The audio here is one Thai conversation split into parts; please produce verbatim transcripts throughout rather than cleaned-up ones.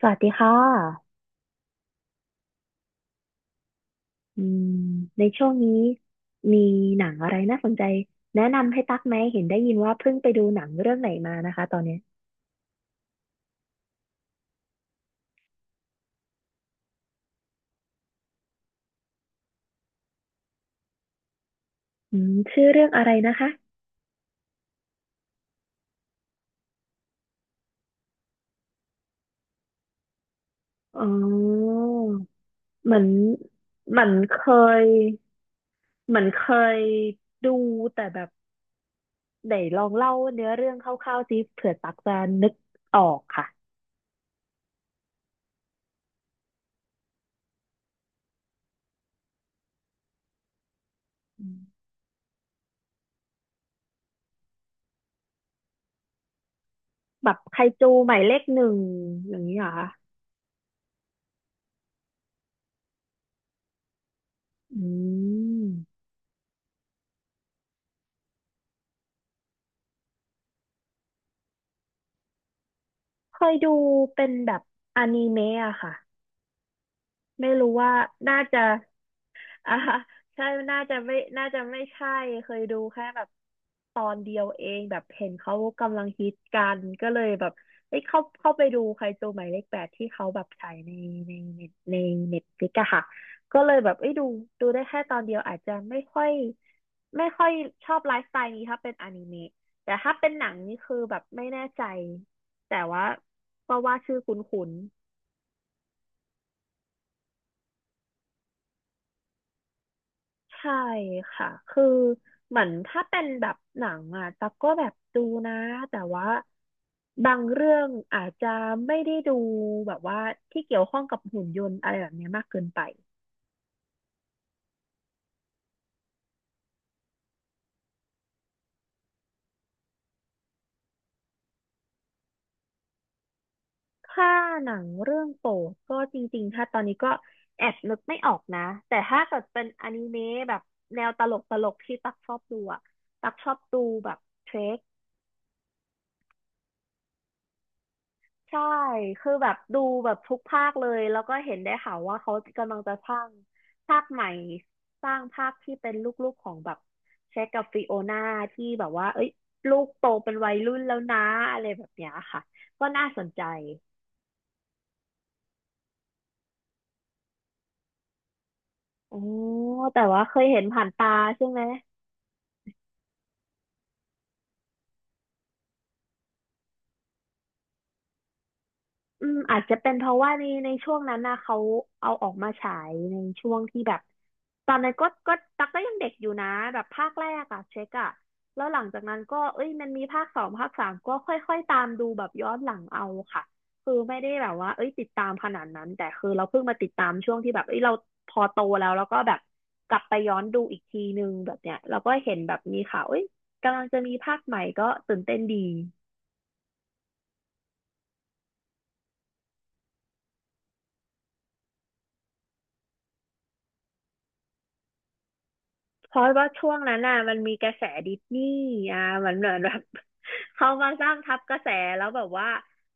สวัสดีค่ะอืมในช่วงนี้มีหนังอะไรน่าสนใจแนะนำให้ตักไหมเห็นได้ยินว่าเพิ่งไปดูหนังเรื่องไหนมานะคะตอนเนี้ยอืมชื่อเรื่องอะไรนะคะอ๋อเหมือนเหมือนเคยเหมือนเคยดูแต่แบบไหนลองเล่าเนื้อเรื่องคร่าวๆสิเผื่อตักจะนึกออกค่ะอืมแบบไคจูหมายเลขหนึ่งอย่างนี้เหรอคะอืมเคยดูเป็นแบบอนิเมะอะค่ะ ไม่รู้ว่าน่าจะอ่าใช่น่าจะไม่น่าจะไม่ใช่เคยดูแค่แบบตอนเดียวเองแบบเห็นเขากำลังฮิตกันก็เลยแบบเอ้ยเข้าเข้าไปดูใครจูหมายเลขแปดที่เขาแบบฉายในในในในเน็ตฟลิกอะค่ะก็เลยแบบเอ้ยดูดูได้แค่ตอนเดียวอาจจะไม่ค่อยไม่ค่อยชอบไลฟ์สไตล์นี้ถ้าเป็นอนิเมะแต่ถ้าเป็นหนังนี่คือแบบไม่แน่ใจแต่ว่าก็ว่าชื่อคุ้น ใช่ค่ะ คือเหมือนถ้าเป็นแบบหนังอ่ะตั๊กก็แบบดูนะแต่ว่าบางเรื่องอาจจะไม่ได้ดูแบบว่าที่เกี่ยวข้องกับหุ่นยนต์อะไรแบบเนี้ยมากเกินไปถ้าหนังเรื่องโปรดก็จริงๆถ้าตอนนี้ก็แอบนึกไม่ออกนะแต่ถ้าเกิดเป็นอนิเมะแบบแนวตลกตลกที่ตักชอบดูอะตักชอบดูแบบเทร ใช่ คือแบบดูแบบทุกภาคเลย แล้วก็เห็นได้ข่าวว่าเขากำลังจะสร้างภาคใหม่สร้างภาคที่เป็นลูกๆของแบบเช็คกับฟิโอนาที่แบบว่าเอ้ยลูกโตเป็นวัยรุ่นแล้วนะอะไรแบบเนี้ยค่ะก็น่าสนใจอ๋อแต่ว่าเคยเห็นผ่านตาใช่ไหม อืมอาจจะเป็นเพราะว่าในในช่วงนั้นนะเขาเอาออกมาฉายในช่วงที่แบบตอนนั้นก็ก็ตักก็ยังเด็กอยู่นะแบบภาคแรกอะเช็คอะแล้วหลังจากนั้นก็เอ้ยมันมีภาคสองภาคสามก็ค่อยๆตามดูแบบย้อนหลังเอาค่ะคือไม่ได้แบบว่าเอ้ยติดตามขนาดนั้นแต่คือเราเพิ่งมาติดตามช่วงที่แบบเอ้ยเราพอโตแล้วแล้วก็แบบกลับไปย้อนดูอีกทีนึงแบบเนี้ยเราก็เห็นแบบมีข่าวเอ้ยกำลังจะมีภาคใหม่ก็ตื่นเต้นดี เพราะว่าช่วงนั้นน่ะมันมีกระแสดิสนีย์อ่ะมันเหมือนแบบ เขามาสร้างทับกระแสแล้วแบบว่า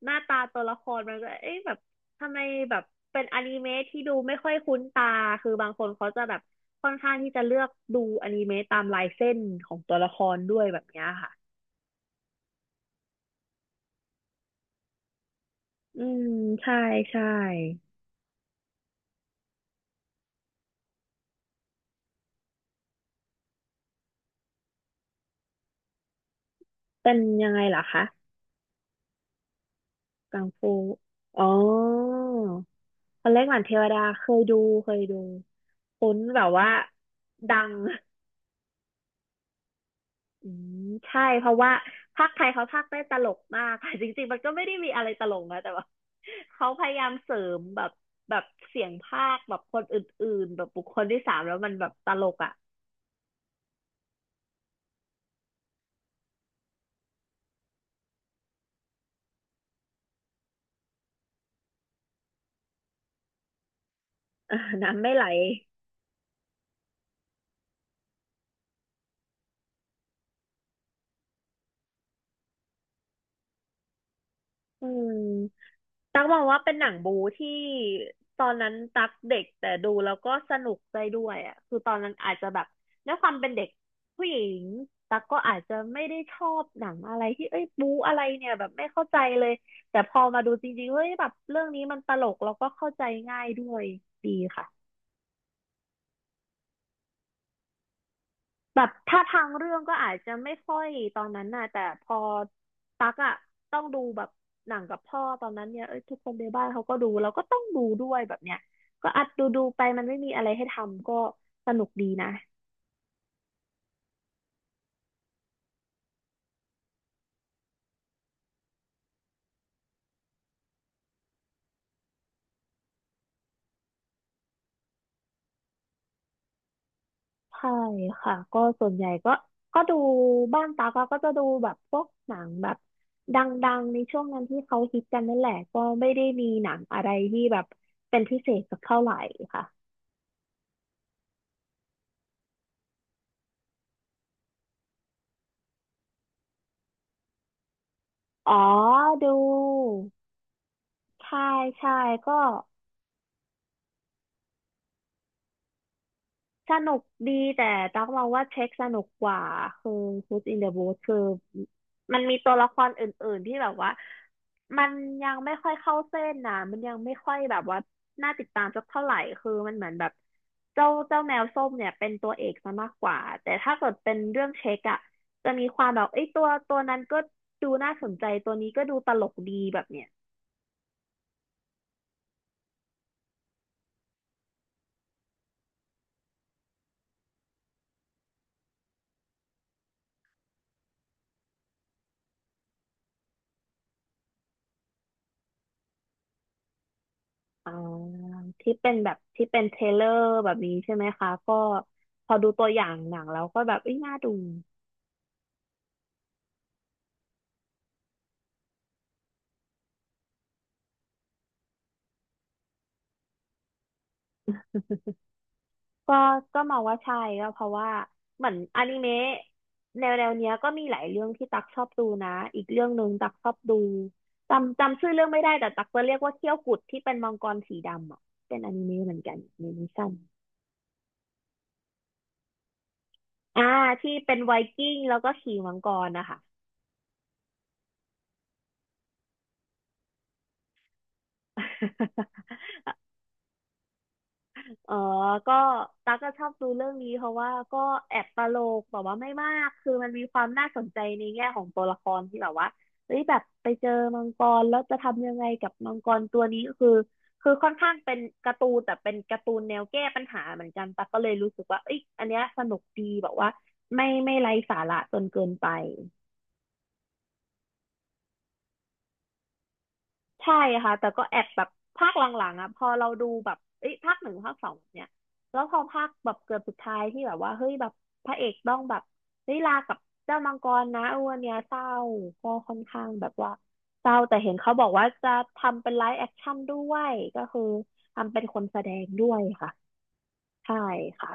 หน้าตาตัวละครมันก็เอ๊ะแบบทำไมแบบเป็นอนิเมะที่ดูไม่ค่อยคุ้นตาคือบางคนเขาจะแบบค่อนข้างที่จะเลือกดูอนิเมะตามลายเส้นของตัวละครด้วยแบบเนี้ยค่ะอืมใช่ใช่เป็นยังไงล่ะคะกังฟูอ๋อคนเล็กหวานเทวดาเคยดูเคยดูคุ้นแบบว่าดัง อืมใช่เพราะว่าภาคไทยเขาพากย์ได้ตลกมากค่ะ จริงๆมันก็ไม่ได้มีอะไรตลกนะแต่ว่า เขาพยายามเสริมแบบแบบเสียงภาคแบบคนอื่นๆแบบบุคคลที่สามแล้วมันแบบตลกอ่ะ เออน้ำไม่ไหลอืม ตั๊กมองว่าเป็นหนังบู๊ที่ตอนนั้นตั๊กเด็กแต่ดูแล้วก็สนุกได้ด้วยอ่ะคือตอนนั้นอาจจะแบบด้วยความเป็นเด็กผู้หญิงตั๊กก็อาจจะไม่ได้ชอบหนังอะไรที่เอ้ยบู๊อะไรเนี่ยแบบไม่เข้าใจเลยแต่พอมาดูจริงๆเฮ้ยแบบเรื่องนี้มันตลกแล้วก็เข้าใจง่ายด้วยดีค่ะ แบบถ้าทางเรื่องก็อาจจะไม่ค่อยตอนนั้นน่ะแต่พอตักอะต้องดูแบบหนังกับพ่อตอนนั้นเนี่ยเอ้ยทุกคนในบ้านเขาก็ดูเราก็ต้องดูด้วยแบบเนี้ยก็อัดดูดูไปมันไม่มีอะไรให้ทำก็สนุกดีนะใช่ค่ะก็ส่วนใหญ่ก็ก็ดูบ้านตากอะก็จะดูแบบพวกหนังแบบดังๆในช่วงนั้นที่เขาฮิตกันนั่นแหละก็ไม่ได้มีหนังอะไรที่แบบเป็นพิเศษสักเท่าไหร่ค่ะอ๋อดูใช่ใช่ก็ สนุกดีแต่ตั๊กมองว่าเช็คสนุกกว่าคือ Food in the Booth คือมันมีตัวละครอื่นๆที่แบบว่ามันยังไม่ค่อยเข้าเส้นนะมันยังไม่ค่อยแบบว่าน่าติดตามสักเท่าไหร่คือมันเหมือนแบบเจ้าเจ้าแมวส้มเนี่ยเป็นตัวเอกซะมากกว่าแต่ถ้าเกิดเป็นเรื่องเช็คอะจะมีความแบบเอ้ยตัวตัวนั้นก็ดูน่าสนใจตัวนี้ก็ดูตลกดีแบบเนี้ย อ่าที่เป็นแบบที่เป็นเทรลเลอร์แบบนี้ใช่ไหมคะก็พอดูตัวอย่างหนังแล้วก็แบบเอ้ยน่าดูก็ก็มองว่าใช่ก็เพราะว่าเหมือนอนิเมะแนวแนวเนี้ยก็มีหลายเรื่องที่ตักชอบดูนะอีกเรื่องหนึ่งตักชอบดูจำจำชื่อเรื่องไม่ได้แต่ตักจะเรียกว่าเขี้ยวกุดที่เป็นมังกรสีดำอ่ะเป็นอนิเมะเหมือนกันอนิเมชั่นอ่าที่เป็นไวกิ้งแล้วก็ขี่มังกรนะคะ อ๋อก็ตั๊กก็ชอบดูเรื่องนี้เพราะว่าก็แอบตลกแบบว่าไม่มากคือมันมีความน่าสนใจในแง่ของตัวละครที่แบบว่าเฮ้ยแบบไปเจอมังกรแล้วจะทำยังไงกับมังกรตัวนี้คือคือค่อนข้างเป็นการ์ตูนแต่เป็นการ์ตูนแนวแก้ปัญหาเหมือนกันตั๊กก็เลยรู้สึกว่าเอ้ยอันเนี้ยสนุกดีแบบว่าไม่ไม่ไร้สาระจนเกินไป ใช่ค่ะแต่ก็แอบแบบภาคหลังๆอ่ะพอเราดูแบบเอ้ยภาคหนึ่งภาคสองเนี่ยแล้วพอภาคแบบเกือบสุดท้ายที่แบบว่าเฮ้ยแบบพระเอกต้องแบบได้ยลากับเจ้ามังกรนะอ้วนเนี่ยเศร้าก็ค่อนข้างแบบว่าเศร้าแต่เห็นเขาบอกว่าจะทำเป็นไลฟ์แอคชั่นด้วยก็คือทำเป็นคนแสดงด้วยค่ะใช่ค่ะ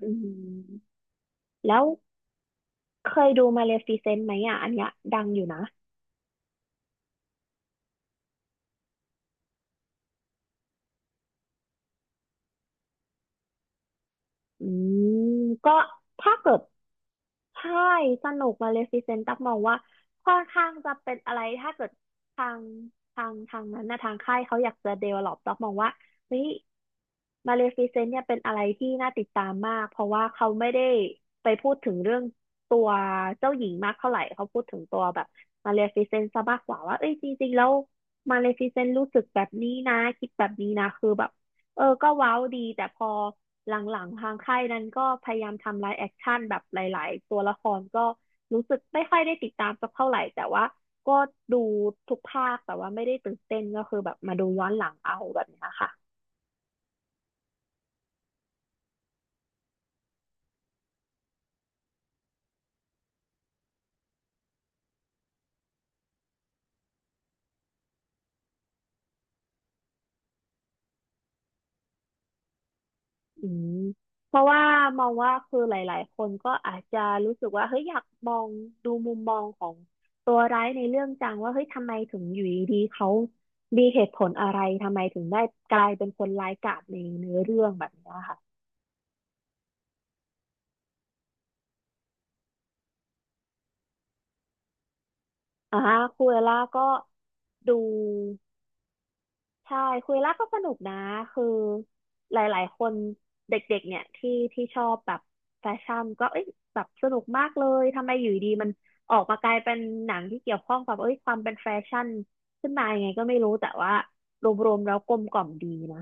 อืมแล้วเคยดูมาเลฟิเซนต์ไหมอ่ะอันเนี้ยดังอยู่นะอืมก็ถ้าเกิด ใช่สนุกมาเลฟิเซนต์ตักมองว่าค่อนข้างจะเป็นอะไรถ้าเกิดทางทางทางนั้นนะทางค่ายเขาอยากจะเด v e ล o อปตักมองว่าเฮ้ยมาเลฟิเซนต์เนี่ยเป็นอะไรที่น่าติดตามมากเพราะว่าเขาไม่ได้ไปพูดถึงเรื่องตัวเจ้าหญิงมากเท่าไหร่เขาพูดถึงตัวแบบมาเลฟิเซนต์ซะมากกว่าว่าเอ้ยจริงๆแล้วมาเลฟิเซนต์รู้สึกแบบนี้นะคิดแบบนี้นะคือแบบเออก็ว้าวดีแต่พอ หลังๆทางค่ายนั้นก็พยายามทำไลฟ์แอคชั่นแบบหลายๆตัวละครก็รู้สึกไม่ค่อยได้ติดตามสักเท่าไหร่แต่ว่าก็ดูทุกภาคแต่ว่าไม่ได้ตื่นเต้นก็คือแบบมาดูย้อนหลังเอาแบบเนี้ยค่ะอืมเพราะว่ามองว่าคือหลายๆคนก็อาจจะรู้สึกว่าเฮ้ยอยากมองดูมุมมองของตัวร้ายในเรื่องจังว่าเฮ้ยทำไมถึงอยู่ดีๆเขามีเหตุผลอะไรทำไมถึงได้กลายเป็นคนร้ายกาจในเนื้อเรื่องแบบเนี้ยค่ะ อ่าคุเอล่าก็ดูใช่คุเอล่าก็สนุกนะคือหลายๆคนเด็กๆเนี่ยที่ที่ชอบแบบแฟชั่นก็เอ้ยแบบสนุกมากเลยทำไมอยู่ดีมันออกมากลายเป็นหนังที่เกี่ยวข้องกับเอ้ยความเป็นแฟชั่นขึ้นมายังไงก็ไม่รู้แต่ว่ารวมๆแล้วกลมกล่อมดีนะ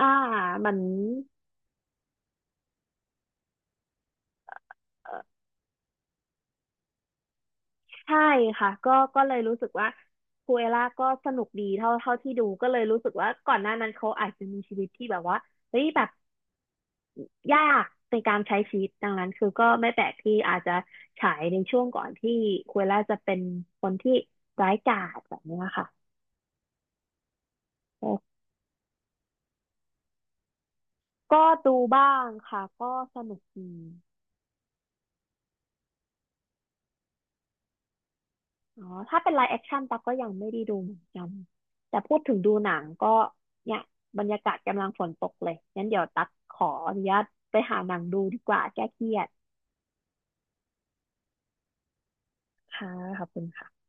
อ่ามันเออใช่ค่ะก็ก็เลยรู้สึกว่าคูเอล่าก็สนุกดีเท่าเท่าที่ดูก็เลยรู้สึกว่าก่อนหน้านั้นเขาอาจจะมีชีวิตที่แบบว่าเฮ้ยแบบ ยากในการใช้ชีวิตดังนั้นคือก็ไม่แปลกที่อาจจะฉายในช่วงก่อนที่คุเรล่าจะเป็นคนที่ร้ายกาจแบบเนี้ยค่ะแต่ก็ดูบ้างค่ะก็สนุกดีอ๋อถ้าเป็นไลฟ์แอคชั่นตั๊กก็ยังไม่ได้ดูเหมือนกันแต่พูดถึงดูหนังก็เนี่ยบรรยากาศกำลังฝนตกเลยงั้นเดี๋ยวตั๊กขออนุญาตไปหาหนังดูดีกว่าแก้เครียดค่ะขอบคุณค่ะ